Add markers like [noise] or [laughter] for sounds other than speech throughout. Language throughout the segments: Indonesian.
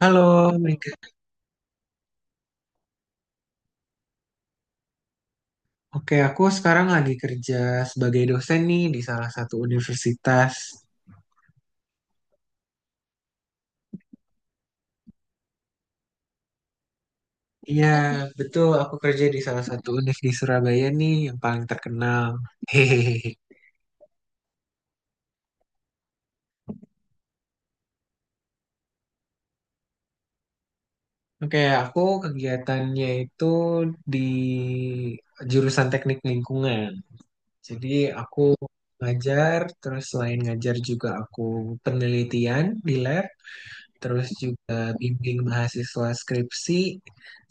Halo, Mega. Oke, aku sekarang lagi kerja sebagai dosen nih di salah satu universitas. Iya, betul. Aku kerja di salah satu univ di Surabaya nih yang paling terkenal. Hehehe. Oke, aku kegiatannya itu di jurusan teknik lingkungan. Jadi aku ngajar, terus selain ngajar juga aku penelitian di lab. Terus juga bimbing mahasiswa skripsi,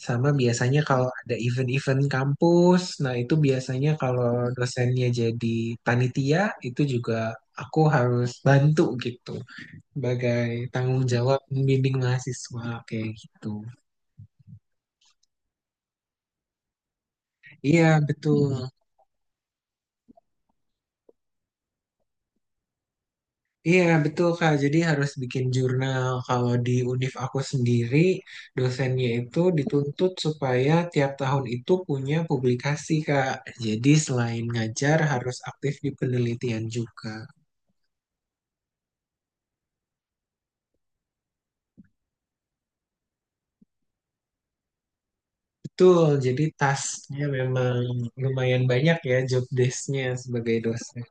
sama biasanya kalau ada event-event kampus, nah itu biasanya kalau dosennya jadi panitia, itu juga aku harus bantu gitu, sebagai tanggung jawab membimbing mahasiswa kayak gitu. Iya, betul. Iya, betul Kak. Jadi harus bikin jurnal. Kalau di univ aku sendiri, dosennya itu dituntut supaya tiap tahun itu punya publikasi, Kak. Jadi selain ngajar, harus aktif di penelitian juga. Betul, jadi tasnya memang lumayan banyak ya job desk-nya sebagai dosen.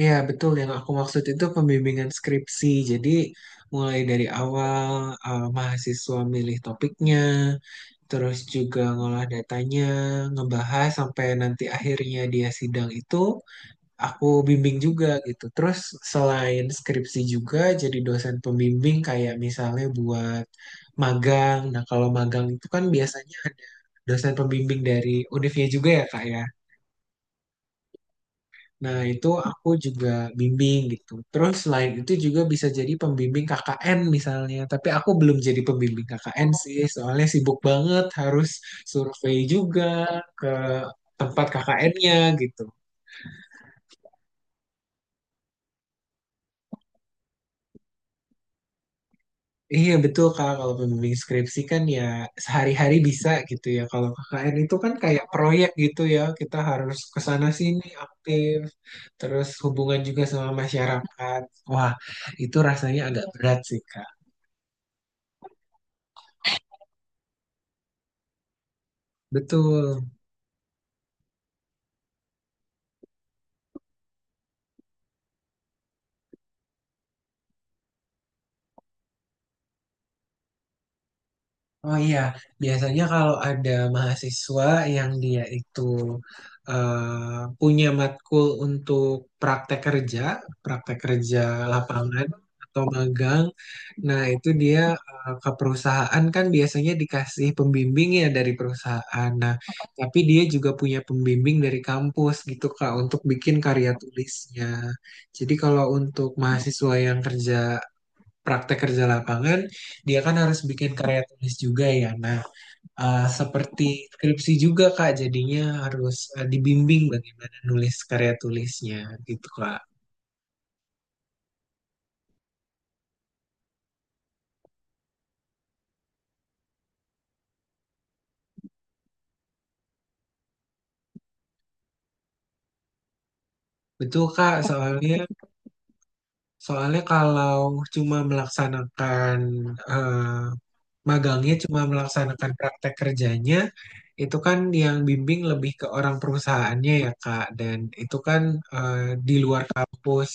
Iya, betul. Yang aku maksud itu pembimbingan skripsi. Jadi, mulai dari awal mahasiswa milih topiknya, terus juga ngolah datanya, ngebahas sampai nanti akhirnya dia sidang itu, aku bimbing juga gitu. Terus, selain skripsi juga, jadi dosen pembimbing kayak misalnya buat magang. Nah, kalau magang itu kan biasanya ada dosen pembimbing dari univnya juga ya, Kak ya. Nah, itu aku juga bimbing gitu. Terus selain itu juga bisa jadi pembimbing KKN misalnya. Tapi aku belum jadi pembimbing KKN sih, soalnya sibuk banget harus survei juga ke tempat KKN-nya gitu. Iya betul Kak, kalau pembimbing skripsi kan ya sehari-hari bisa gitu ya. Kalau KKN itu kan kayak proyek gitu ya, kita harus ke sana sini aktif, terus hubungan juga sama masyarakat. Wah, itu rasanya agak berat sih Kak. Betul. Oh iya, biasanya kalau ada mahasiswa yang dia itu punya matkul untuk praktek kerja praktek kerja lapangan atau magang, nah itu dia ke perusahaan kan biasanya dikasih pembimbing ya dari perusahaan. Nah, tapi dia juga punya pembimbing dari kampus gitu Kak untuk bikin karya tulisnya. Jadi kalau untuk mahasiswa yang kerja praktek kerja lapangan, dia kan harus bikin karya tulis juga ya. Nah, seperti skripsi juga Kak, jadinya harus dibimbing bagaimana nulis karya tulisnya gitu Kak. Betul Kak, soalnya soalnya kalau cuma melaksanakan eh, magangnya cuma melaksanakan praktek kerjanya, itu kan yang bimbing lebih ke orang perusahaannya ya Kak, dan itu kan eh, di luar kampus.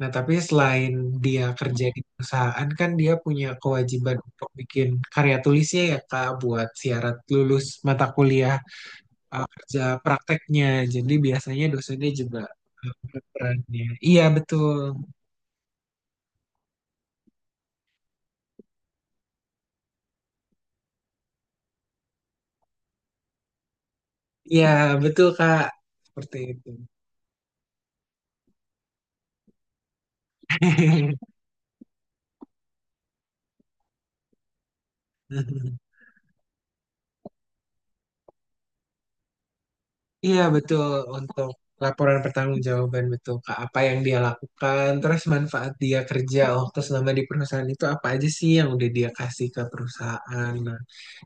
Nah, tapi selain dia kerja di perusahaan kan dia punya kewajiban untuk bikin karya tulisnya ya Kak, buat syarat lulus mata kuliah kerja prakteknya. Jadi biasanya dosennya juga perannya. Iya betul Kak, seperti itu. [laughs] Iya betul untuk laporan pertanggungjawaban betul Kak apa yang dia lakukan terus manfaat dia kerja waktu selama di perusahaan itu apa aja sih yang udah dia kasih ke perusahaan nah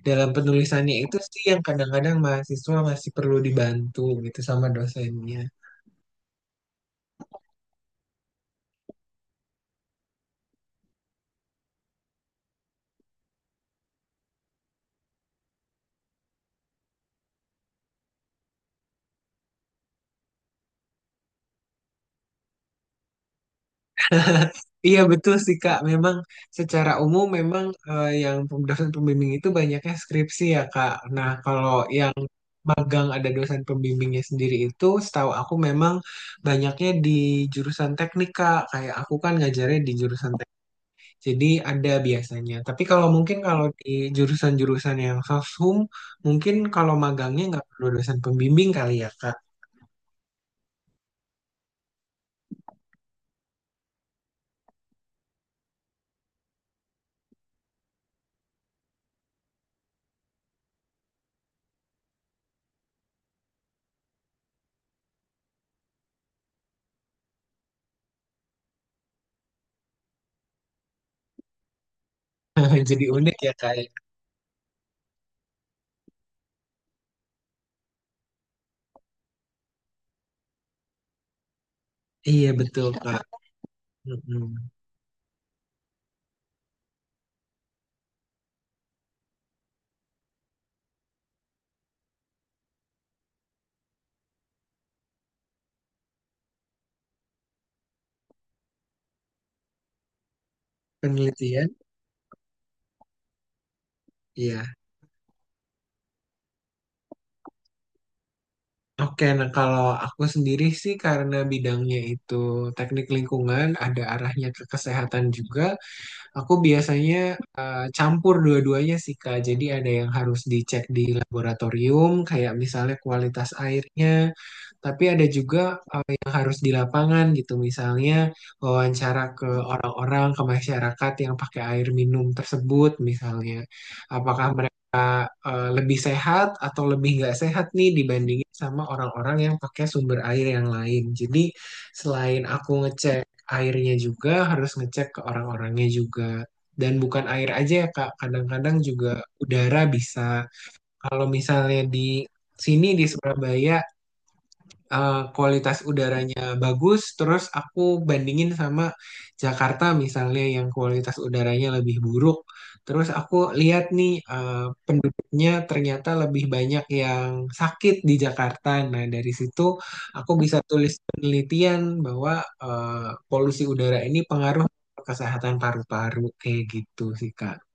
dalam penulisannya itu sih yang kadang-kadang mahasiswa masih perlu dibantu gitu sama dosennya iya betul sih Kak memang secara umum memang yang dosen pembimbing itu banyaknya skripsi ya Kak nah kalau yang magang ada dosen pembimbingnya sendiri itu setahu aku memang banyaknya di jurusan teknik Kak. Kayak aku kan ngajarnya di jurusan teknik. Jadi ada biasanya. Tapi kalau mungkin kalau di jurusan-jurusan yang soshum mungkin kalau magangnya nggak perlu dosen pembimbing kali ya Kak. [laughs] Jadi unik ya Kak. Ya. Iya betul Kak. Mm-mm. Penelitian. Iya. Oke, nah kalau aku sendiri sih karena bidangnya itu teknik lingkungan, ada arahnya ke kesehatan juga. Aku biasanya campur dua-duanya sih Kak. Jadi ada yang harus dicek di laboratorium, kayak misalnya kualitas airnya, tapi ada juga yang harus di lapangan gitu. Misalnya wawancara ke orang-orang, ke masyarakat yang pakai air minum tersebut misalnya. Apakah lebih sehat atau lebih nggak sehat nih dibandingin sama orang-orang yang pakai sumber air yang lain. Jadi selain aku ngecek airnya juga harus ngecek ke orang-orangnya juga. Dan bukan air aja ya Kak, kadang-kadang juga udara bisa. Kalau misalnya di sini di Surabaya kualitas udaranya bagus, terus aku bandingin sama Jakarta misalnya yang kualitas udaranya lebih buruk. Terus aku lihat nih penduduknya ternyata lebih banyak yang sakit di Jakarta. Nah, dari situ aku bisa tulis penelitian bahwa polusi udara ini pengaruh ke kesehatan paru-paru kayak gitu sih Kak.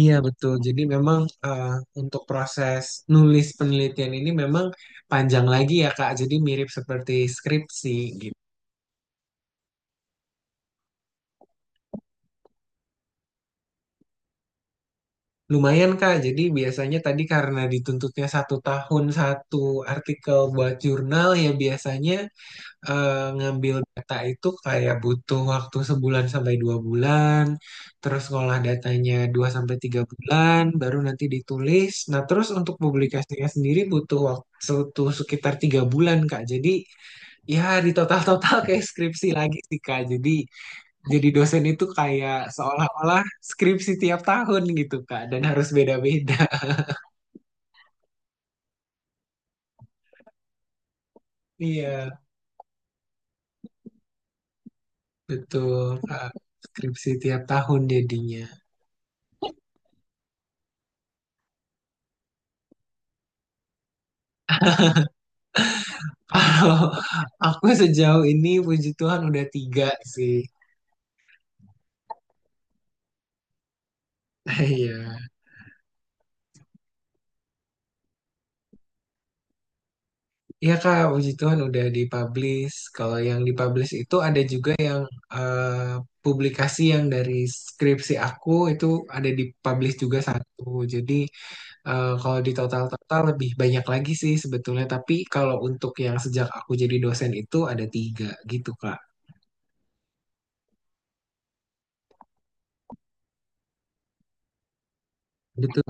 Iya betul. Jadi memang eh, untuk proses nulis penelitian ini memang panjang lagi ya Kak. Jadi mirip seperti skripsi gitu. Lumayan Kak. Jadi biasanya tadi karena dituntutnya satu tahun satu artikel buat jurnal ya biasanya ngambil data itu kayak butuh waktu sebulan sampai dua bulan. Terus ngolah datanya dua sampai tiga bulan, baru nanti ditulis. Nah terus untuk publikasinya sendiri butuh waktu sekitar tiga bulan Kak. Jadi ya, di total-total kayak skripsi lagi sih, Kak. Jadi dosen itu kayak seolah-olah skripsi tiap tahun gitu, Kak. Dan harus beda-beda. [laughs] Iya, betul, Kak. Skripsi tiap tahun jadinya. [laughs] Kalau aku sejauh ini, puji Tuhan udah tiga sih. [laughs] Iya. Iya, Kak. Puji Tuhan udah dipublish. Kalau yang dipublish itu ada juga yang eh, publikasi yang dari skripsi aku itu ada dipublish juga satu. Jadi, eh, kalau di total-total lebih banyak lagi sih sebetulnya, tapi kalau untuk yang sejak aku jadi dosen itu ada tiga gitu, Kak. Betul,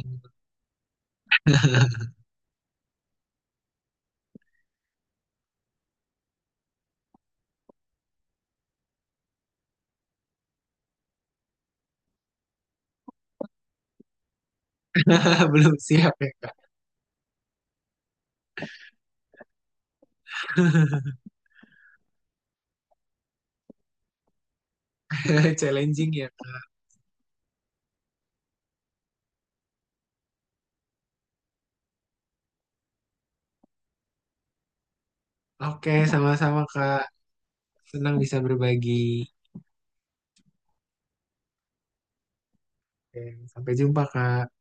[laughs] belum siap ya, Kak. [laughs] Challenging ya. Oke, sama-sama, Kak. Senang bisa berbagi. Oke, sampai jumpa, Kak.